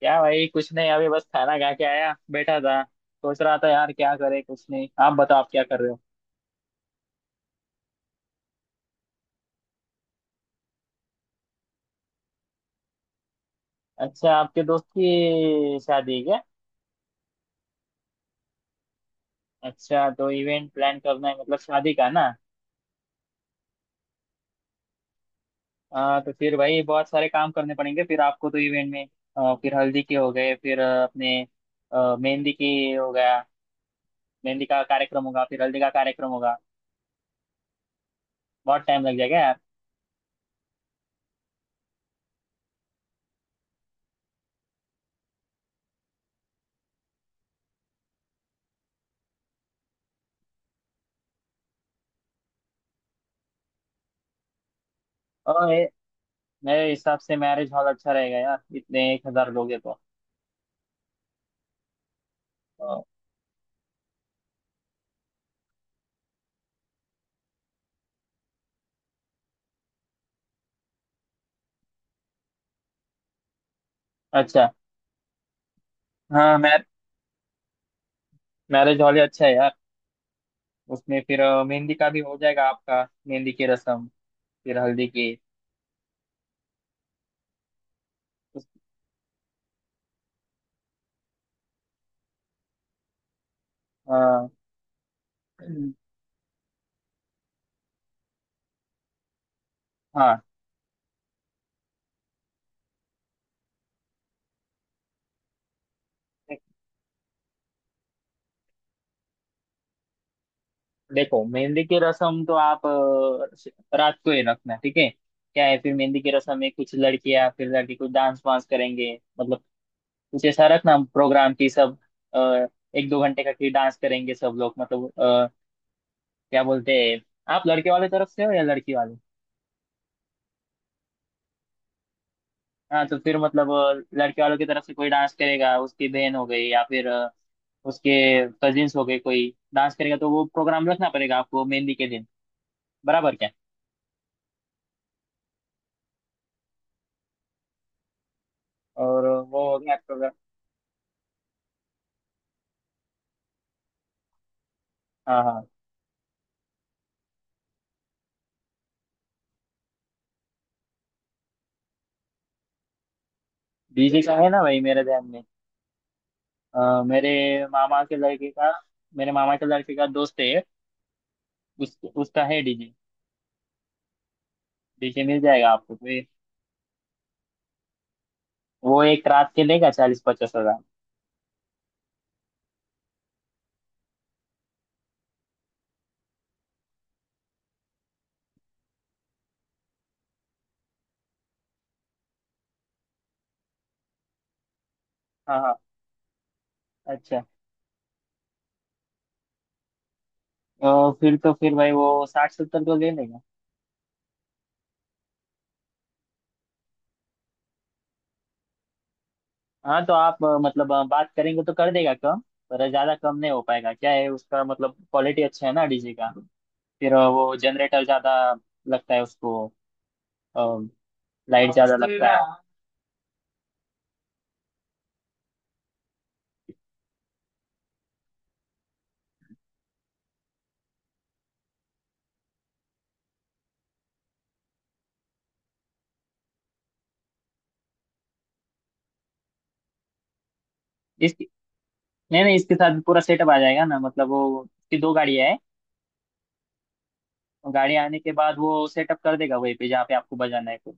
क्या भाई, कुछ नहीं, अभी बस खाना खा के आया, बैठा था, सोच रहा था यार क्या करे। कुछ नहीं, आप बताओ, आप क्या कर रहे हो? अच्छा, आपके दोस्त की शादी है क्या? अच्छा तो इवेंट प्लान करना है, मतलब शादी का ना। तो फिर भाई बहुत सारे काम करने पड़ेंगे फिर आपको तो इवेंट में। फिर हल्दी के हो गए, फिर अपने मेहंदी की हो गया, मेहंदी का कार्यक्रम होगा, फिर हल्दी का कार्यक्रम होगा। बहुत टाइम लग जाएगा यार। और ये- मेरे हिसाब से मैरिज हॉल अच्छा रहेगा यार, इतने 1,000 लोग हैं तो। आ, अच्छा। हाँ मैं, मैरिज हॉल ही अच्छा है यार। उसमें फिर मेहंदी का भी हो जाएगा आपका। मेहंदी की रस्म, फिर हल्दी की। उस, अ, हाँ। देखो, मेहंदी की रस्म तो आप रात को ही रखना ठीक है। क्या है, फिर मेहंदी की रस्म में कुछ लड़कियां, फिर लड़के कुछ डांस वांस करेंगे, मतलब कुछ ऐसा रखना प्रोग्राम की सब। अ, 1-2 घंटे का, फिर डांस करेंगे सब लोग, मतलब क्या बोलते हैं, आप लड़के वाले तरफ से हो या लड़की वाले? हाँ तो फिर मतलब लड़के वालों की तरफ से कोई डांस करेगा, उसकी बहन हो गई या फिर उसके कजिन्स हो गए, कोई डांस करेगा, तो वो प्रोग्राम रखना पड़ेगा आपको मेहंदी के दिन। बराबर क्या? और वो हो गया आपका। हाँ हाँ। डीजे का है ना भाई मेरे ध्यान में। मेरे मामा के लड़के का, मेरे मामा के लड़के का दोस्त है। उस उसका है डीजे। डीजे मिल जाएगा आपको तो। वो एक रात के लेगा 40-50 हजार। हाँ हाँ, अच्छा। फिर तो फिर भाई वो 60-70 तो ले लेगा। हाँ तो आप मतलब बात करेंगे तो कर देगा कम, पर ज्यादा कम नहीं हो पाएगा। क्या है उसका, मतलब क्वालिटी अच्छा है ना डीजे का। फिर वो जनरेटर ज्यादा लगता है उसको, लाइट ज्यादा लगता है। इसकी, नहीं नहीं, इसके साथ पूरा सेटअप आ जाएगा ना, मतलब वो उसकी दो गाड़ियाँ है। गाड़ी आने के बाद वो सेटअप कर देगा वहीं पे जहाँ पे आपको बजाना है फिर।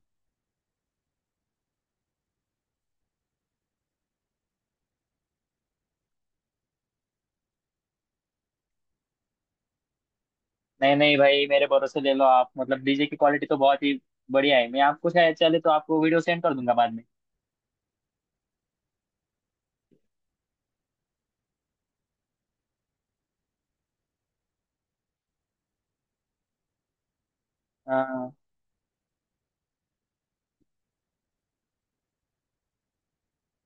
नहीं नहीं भाई, मेरे भरोसे ले लो आप, मतलब डीजे की क्वालिटी तो बहुत ही बढ़िया है। मैं आपको शायद चले तो आपको वीडियो सेंड कर दूंगा बाद में। हाँ।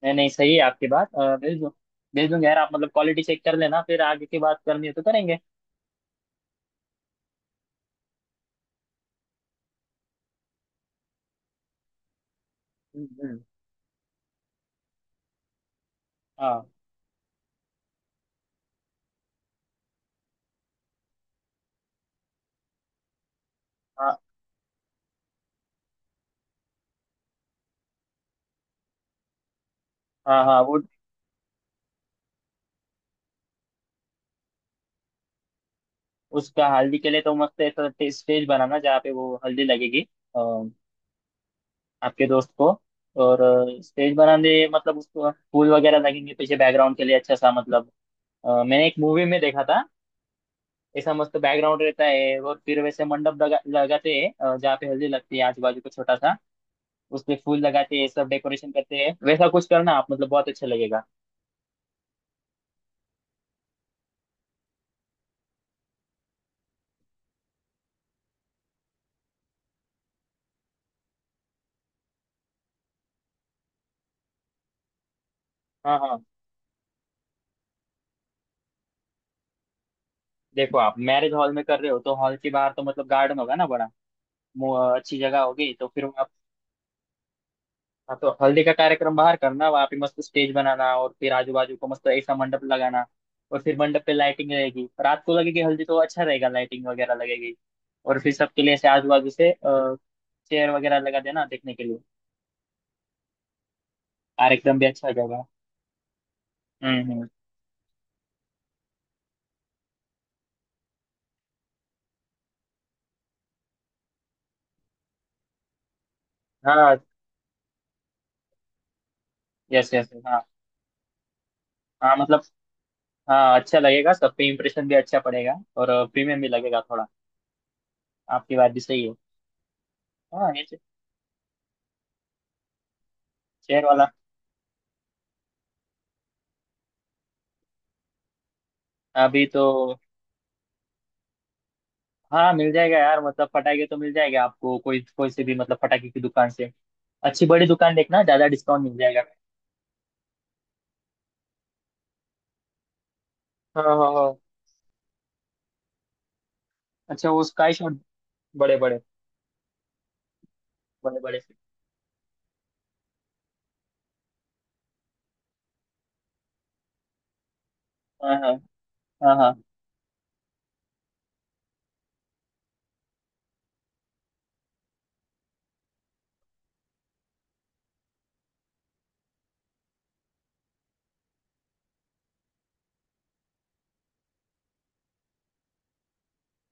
नहीं नहीं, सही है आपकी बात। भेज दूँ, भेज दूंगा यार, आप मतलब क्वालिटी चेक कर लेना, फिर आगे की बात करनी हो तो करेंगे। हम्म, हम्म। हाँ। हाँ हाँ। हाँ वो, उसका हल्दी के लिए तो मस्त ऐसा स्टेज बनाना जहाँ पे वो हल्दी लगेगी अ, आपके दोस्त को। और स्टेज बनाने मतलब उसको फूल वगैरह लगेंगे पीछे बैकग्राउंड के लिए अच्छा सा, मतलब मैंने एक मूवी में देखा था, ऐसा मस्त बैकग्राउंड रहता है। और फिर वैसे मंडप लगा लगाते हैं जहाँ पे हल्दी लगती है, आजू बाजू को छोटा सा, उस पे फूल लगाते हैं, सब डेकोरेशन करते हैं। वैसा कुछ करना आप, मतलब बहुत अच्छा लगेगा। हाँ हाँ। देखो, आप मैरिज हॉल में कर रहे हो तो हॉल के बाहर तो मतलब गार्डन होगा ना बड़ा, अच्छी जगह होगी तो फिर आप। हाँ तो हल्दी का कार्यक्रम बाहर करना, वहाँ पे मस्त स्टेज बनाना और फिर आजू बाजू को मस्त ऐसा मंडप लगाना। और फिर मंडप पे लाइटिंग रहेगी, रात को लगेगी हल्दी तो अच्छा रहेगा, लाइटिंग वगैरह लगेगी। और फिर सबके लिए ऐसे आजू बाजू से चेयर वगैरह लगा देना देखने के लिए। कार्यक्रम भी अच्छा हो जाएगा। हम्म। हाँ। Yes yes. हाँ हाँ मतलब, हाँ अच्छा लगेगा, सब पे इम्प्रेशन भी अच्छा पड़ेगा और प्रीमियम भी लगेगा थोड़ा। आपकी बात भी सही है। हाँ ये, शेयर वाला। अभी तो, हाँ मिल जाएगा यार, मतलब फटाके तो मिल जाएगा आपको कोई कोई से भी, मतलब फटाके की दुकान से। अच्छी बड़ी दुकान देखना, ज्यादा डिस्काउंट मिल जाएगा। हाँ हाँ हाँ। अच्छा वो स्काई शॉट, बड़े बड़े, बड़े बड़े से। हाँ हाँ। हाँ हाँ।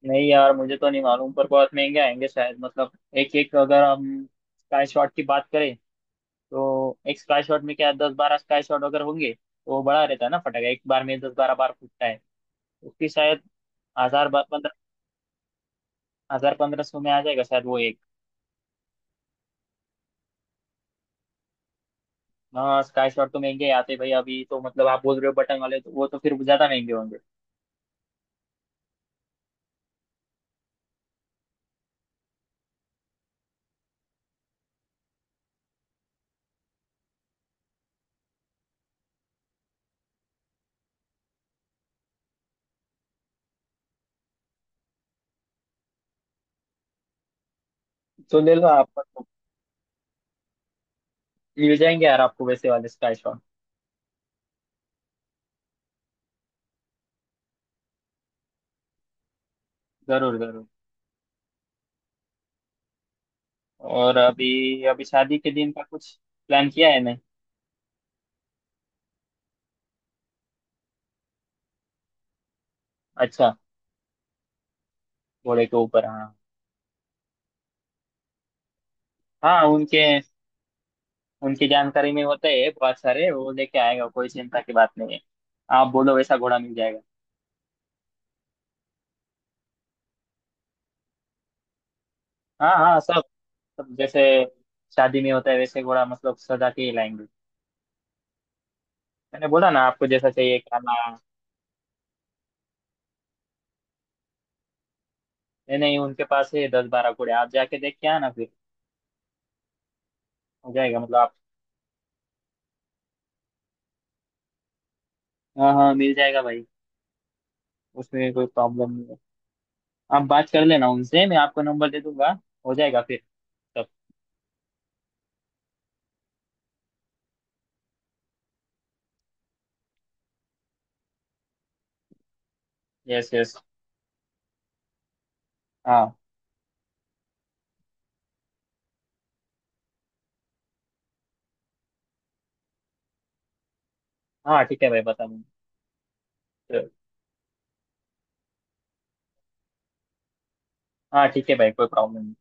नहीं यार, मुझे तो नहीं मालूम, पर बहुत महंगे आएंगे शायद, मतलब एक एक, अगर हम स्काई शॉट की बात करें, तो एक स्काई शॉट में क्या 10-12 स्काई शॉट अगर होंगे तो वो बड़ा रहता है ना फटाका, एक बार में 10-12 बार फूटता है। उसकी शायद हजार पंद्रह 1,000-1,500 में आ जाएगा शायद वो एक। हाँ स्काई शॉट तो महंगे आते भाई। अभी तो मतलब आप बोल रहे हो बटन वाले तो वो तो फिर ज्यादा महंगे होंगे। तो ले लो आप, मतलब मिल जाएंगे यार आपको वैसे वाले स्काई शॉट। जरूर जरूर। और अभी अभी शादी के दिन का कुछ प्लान किया है नहीं? अच्छा, घोड़े के ऊपर, हाँ। हाँ उनके, उनकी जानकारी में होते हैं बहुत सारे, वो लेके आएगा, कोई चिंता की बात नहीं है। आप बोलो वैसा घोड़ा मिल जाएगा। हाँ हाँ सब, सब जैसे शादी में होता है वैसे घोड़ा मतलब सजा के ही लाएंगे। मैंने बोला ना आपको, जैसा चाहिए काला। नहीं नहीं, उनके पास है 10-12 घोड़े, आप जाके देख के आना फिर। हो जाएगा मतलब आप, हाँ हाँ मिल जाएगा भाई। उसमें कोई प्रॉब्लम नहीं है। आप बात कर लेना उनसे, मैं आपको नंबर दे दूंगा। हो जाएगा फिर सब। Yes yes. हाँ। हाँ ठीक है भाई, बता दूंगा। हाँ ठीक है भाई, कोई प्रॉब्लम नहीं।